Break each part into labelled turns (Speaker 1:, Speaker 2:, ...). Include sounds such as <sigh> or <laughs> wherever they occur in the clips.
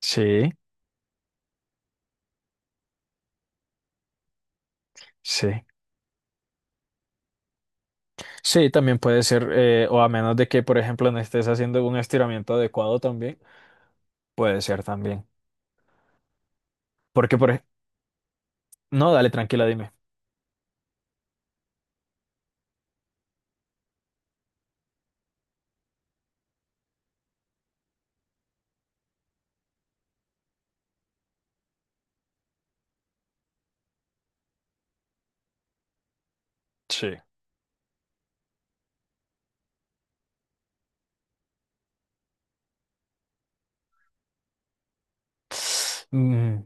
Speaker 1: Sí, sí. Sí, también puede ser, o a menos de que, por ejemplo, no estés haciendo un estiramiento adecuado también, puede ser también. Porque, por ej- no, dale, tranquila, dime. Sí. Mm,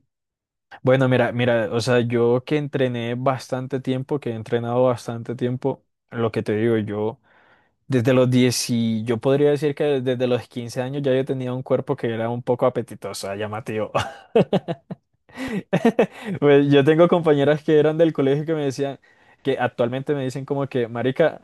Speaker 1: Bueno, mira, mira, o sea, yo que entrené bastante tiempo, que he entrenado bastante tiempo, lo que te digo, yo desde los 10 y yo podría decir que desde los 15 años ya yo tenía un cuerpo que era un poco apetitoso, llamativo. <laughs> <laughs> Pues yo tengo compañeras que eran del colegio que me decían, que actualmente me dicen como que, marica.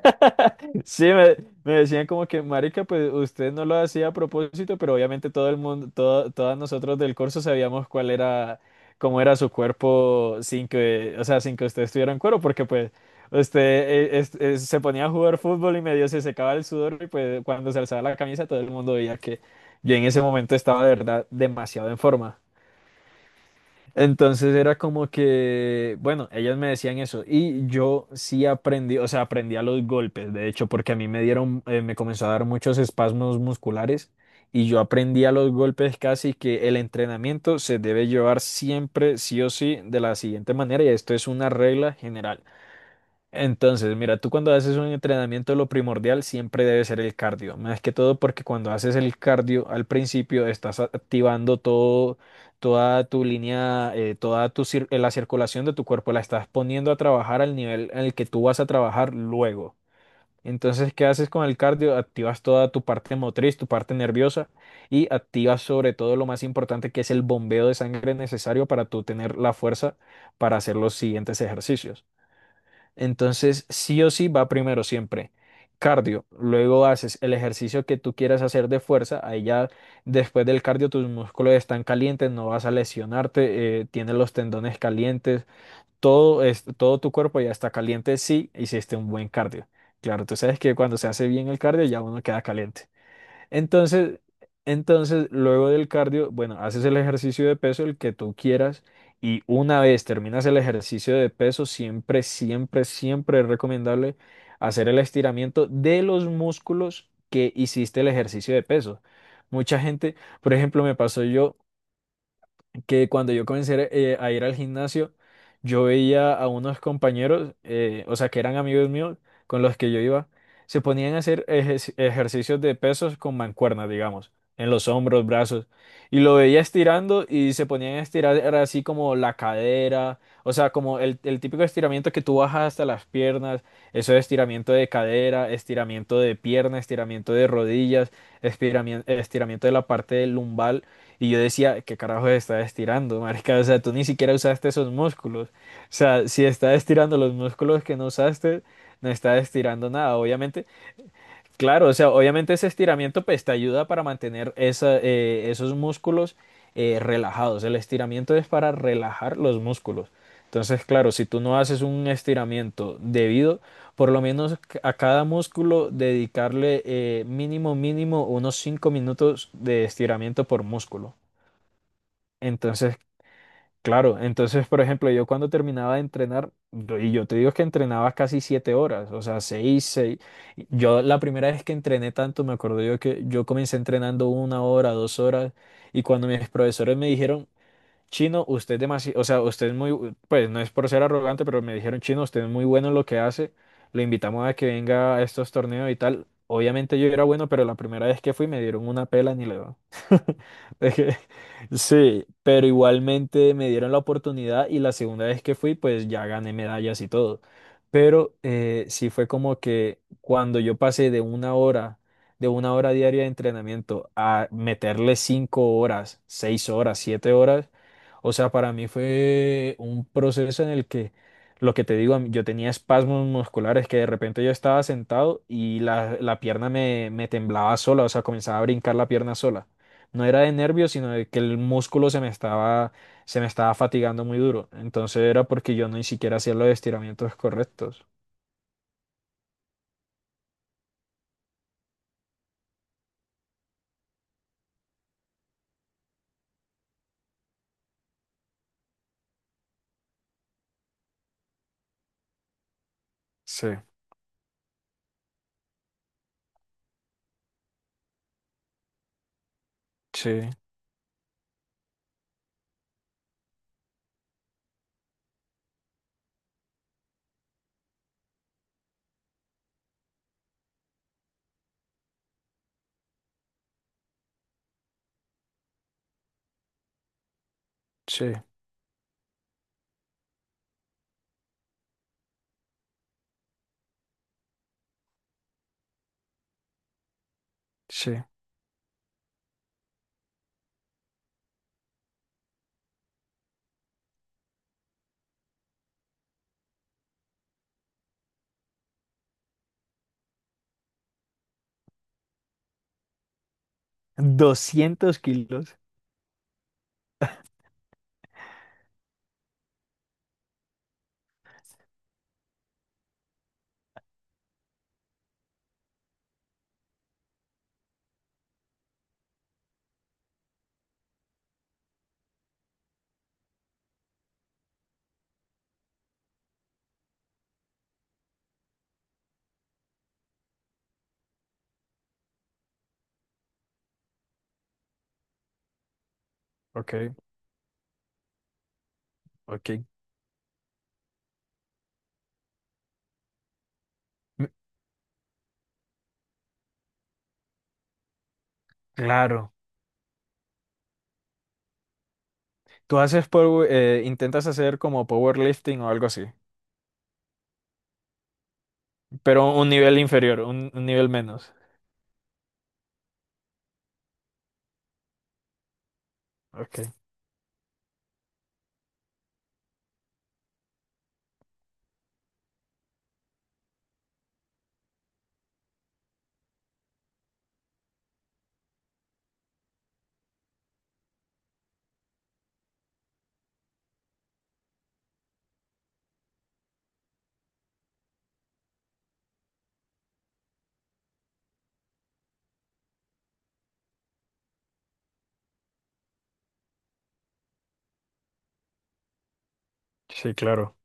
Speaker 1: <laughs> Sí, me decían como que, marica, pues usted no lo hacía a propósito, pero obviamente todo el mundo, todo, todas nosotros del curso sabíamos cuál era, cómo era su cuerpo sin que, o sea, sin que usted estuviera en cuero, porque pues usted se ponía a jugar fútbol y medio se secaba el sudor y pues cuando se alzaba la camisa todo el mundo veía que yo en ese momento estaba de verdad demasiado en forma. Entonces era como que, bueno, ellas me decían eso y yo sí aprendí, o sea, aprendí a los golpes, de hecho, porque a mí me dieron, me comenzó a dar muchos espasmos musculares y yo aprendí a los golpes casi que el entrenamiento se debe llevar siempre, sí o sí, de la siguiente manera y esto es una regla general. Entonces, mira, tú cuando haces un entrenamiento, lo primordial siempre debe ser el cardio. Más que todo porque cuando haces el cardio al principio estás activando todo, toda tu línea, toda tu la circulación de tu cuerpo, la estás poniendo a trabajar al nivel en el que tú vas a trabajar luego. Entonces, ¿qué haces con el cardio? Activas toda tu parte motriz, tu parte nerviosa y activas sobre todo lo más importante que es el bombeo de sangre necesario para tú tener la fuerza para hacer los siguientes ejercicios. Entonces, sí o sí va primero siempre. Cardio, luego haces el ejercicio que tú quieras hacer de fuerza, ahí ya después del cardio tus músculos están calientes, no vas a lesionarte, tienes los tendones calientes, todo, es, todo tu cuerpo ya está caliente si hiciste un buen cardio. Claro, tú sabes que cuando se hace bien el cardio ya uno queda caliente. Entonces, entonces, luego del cardio, bueno, haces el ejercicio de peso, el que tú quieras, y una vez terminas el ejercicio de peso, siempre, siempre, siempre es recomendable hacer el estiramiento de los músculos que hiciste el ejercicio de peso. Mucha gente, por ejemplo, me pasó yo que cuando yo comencé a ir al gimnasio, yo veía a unos compañeros, o sea, que eran amigos míos con los que yo iba, se ponían a hacer ejercicios de pesos con mancuernas, digamos, en los hombros, brazos, y lo veía estirando y se ponían a estirar era así como la cadera, o sea, como el típico estiramiento que tú bajas hasta las piernas, eso es estiramiento de cadera, estiramiento de pierna, estiramiento de rodillas, estiramiento, estiramiento de la parte lumbar y yo decía, ¿qué carajo está estirando, marica? O sea, tú ni siquiera usaste esos músculos. O sea, si estás estirando los músculos que no usaste, no estás estirando nada, obviamente. Claro, o sea, obviamente ese estiramiento pues te ayuda para mantener esa, esos músculos relajados. El estiramiento es para relajar los músculos. Entonces, claro, si tú no haces un estiramiento debido, por lo menos a cada músculo dedicarle mínimo, mínimo unos 5 minutos de estiramiento por músculo. Entonces, claro, entonces, por ejemplo, yo cuando terminaba de entrenar, y yo te digo que entrenaba casi 7 horas, o sea, seis, seis. Yo la primera vez que entrené tanto, me acuerdo yo que yo comencé entrenando 1 hora, 2 horas, y cuando mis profesores me dijeron, Chino, usted es demasiado, o sea, usted es muy, pues no es por ser arrogante, pero me dijeron, Chino, usted es muy bueno en lo que hace, lo invitamos a que venga a estos torneos y tal. Obviamente yo era bueno, pero la primera vez que fui me dieron una pela ni le doy. <laughs> Es que- sí, pero igualmente me dieron la oportunidad y la segunda vez que fui, pues ya gané medallas y todo. Pero sí fue como que cuando yo pasé de 1 hora, de 1 hora diaria de entrenamiento a meterle 5 horas, 6 horas, 7 horas, o sea, para mí fue un proceso en el que, lo que te digo, yo tenía espasmos musculares que de repente yo estaba sentado y la pierna me temblaba sola, o sea, comenzaba a brincar la pierna sola. No era de nervios, sino de que el músculo se me estaba fatigando muy duro. Entonces era porque yo ni siquiera hacía los estiramientos correctos. Sí, sí, sí, sí. 200 kilos. Ok, ok. M- claro. Tú haces intentas hacer como powerlifting o algo así, pero un nivel inferior, un nivel menos. Ok. Sí, claro.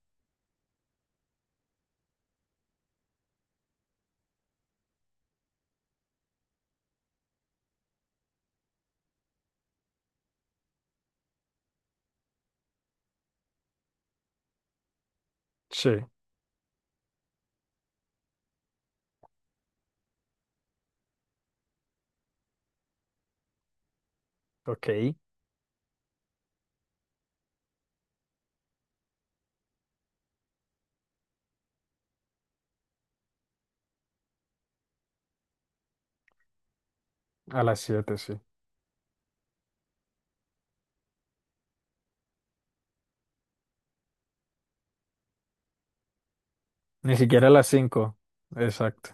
Speaker 1: Sí. Ok. A las siete, sí. Ni siquiera a las 5. Exacto.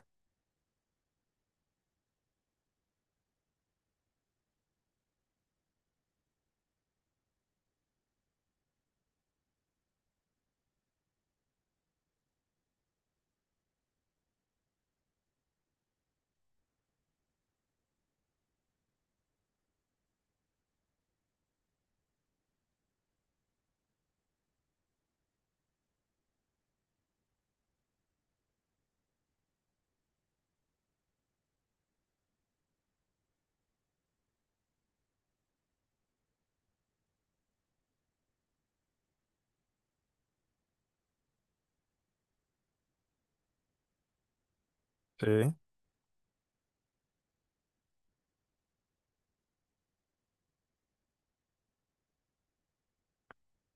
Speaker 1: Sí.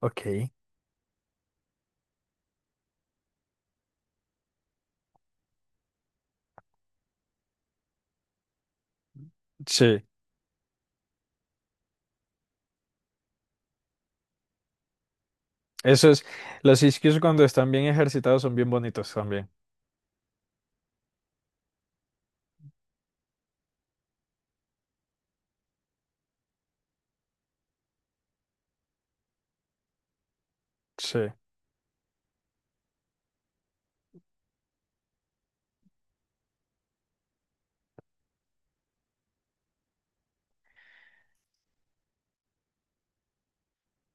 Speaker 1: Ok. Sí. Eso es. Los isquios cuando están bien ejercitados son bien bonitos también. Sí.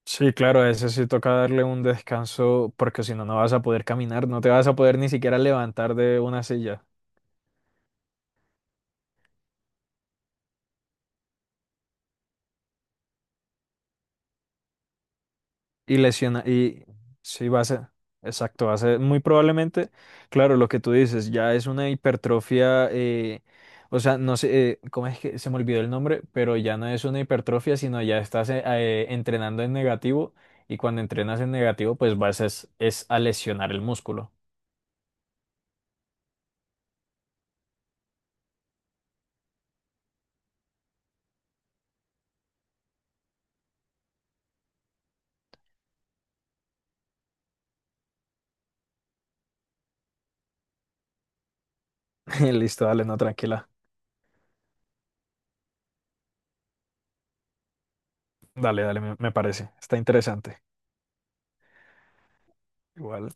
Speaker 1: Sí, claro, a ese sí toca darle un descanso porque si no, no vas a poder caminar, no te vas a poder ni siquiera levantar de una silla. Y lesiona, y sí va a ser, exacto, va a ser muy probablemente, claro, lo que tú dices, ya es una hipertrofia, o sea, no sé, ¿cómo es que se me olvidó el nombre? Pero ya no es una hipertrofia, sino ya estás entrenando en negativo y cuando entrenas en negativo, pues vas es a lesionar el músculo. <laughs> Listo, dale, no, tranquila. Dale, dale, me parece, está interesante. Igual.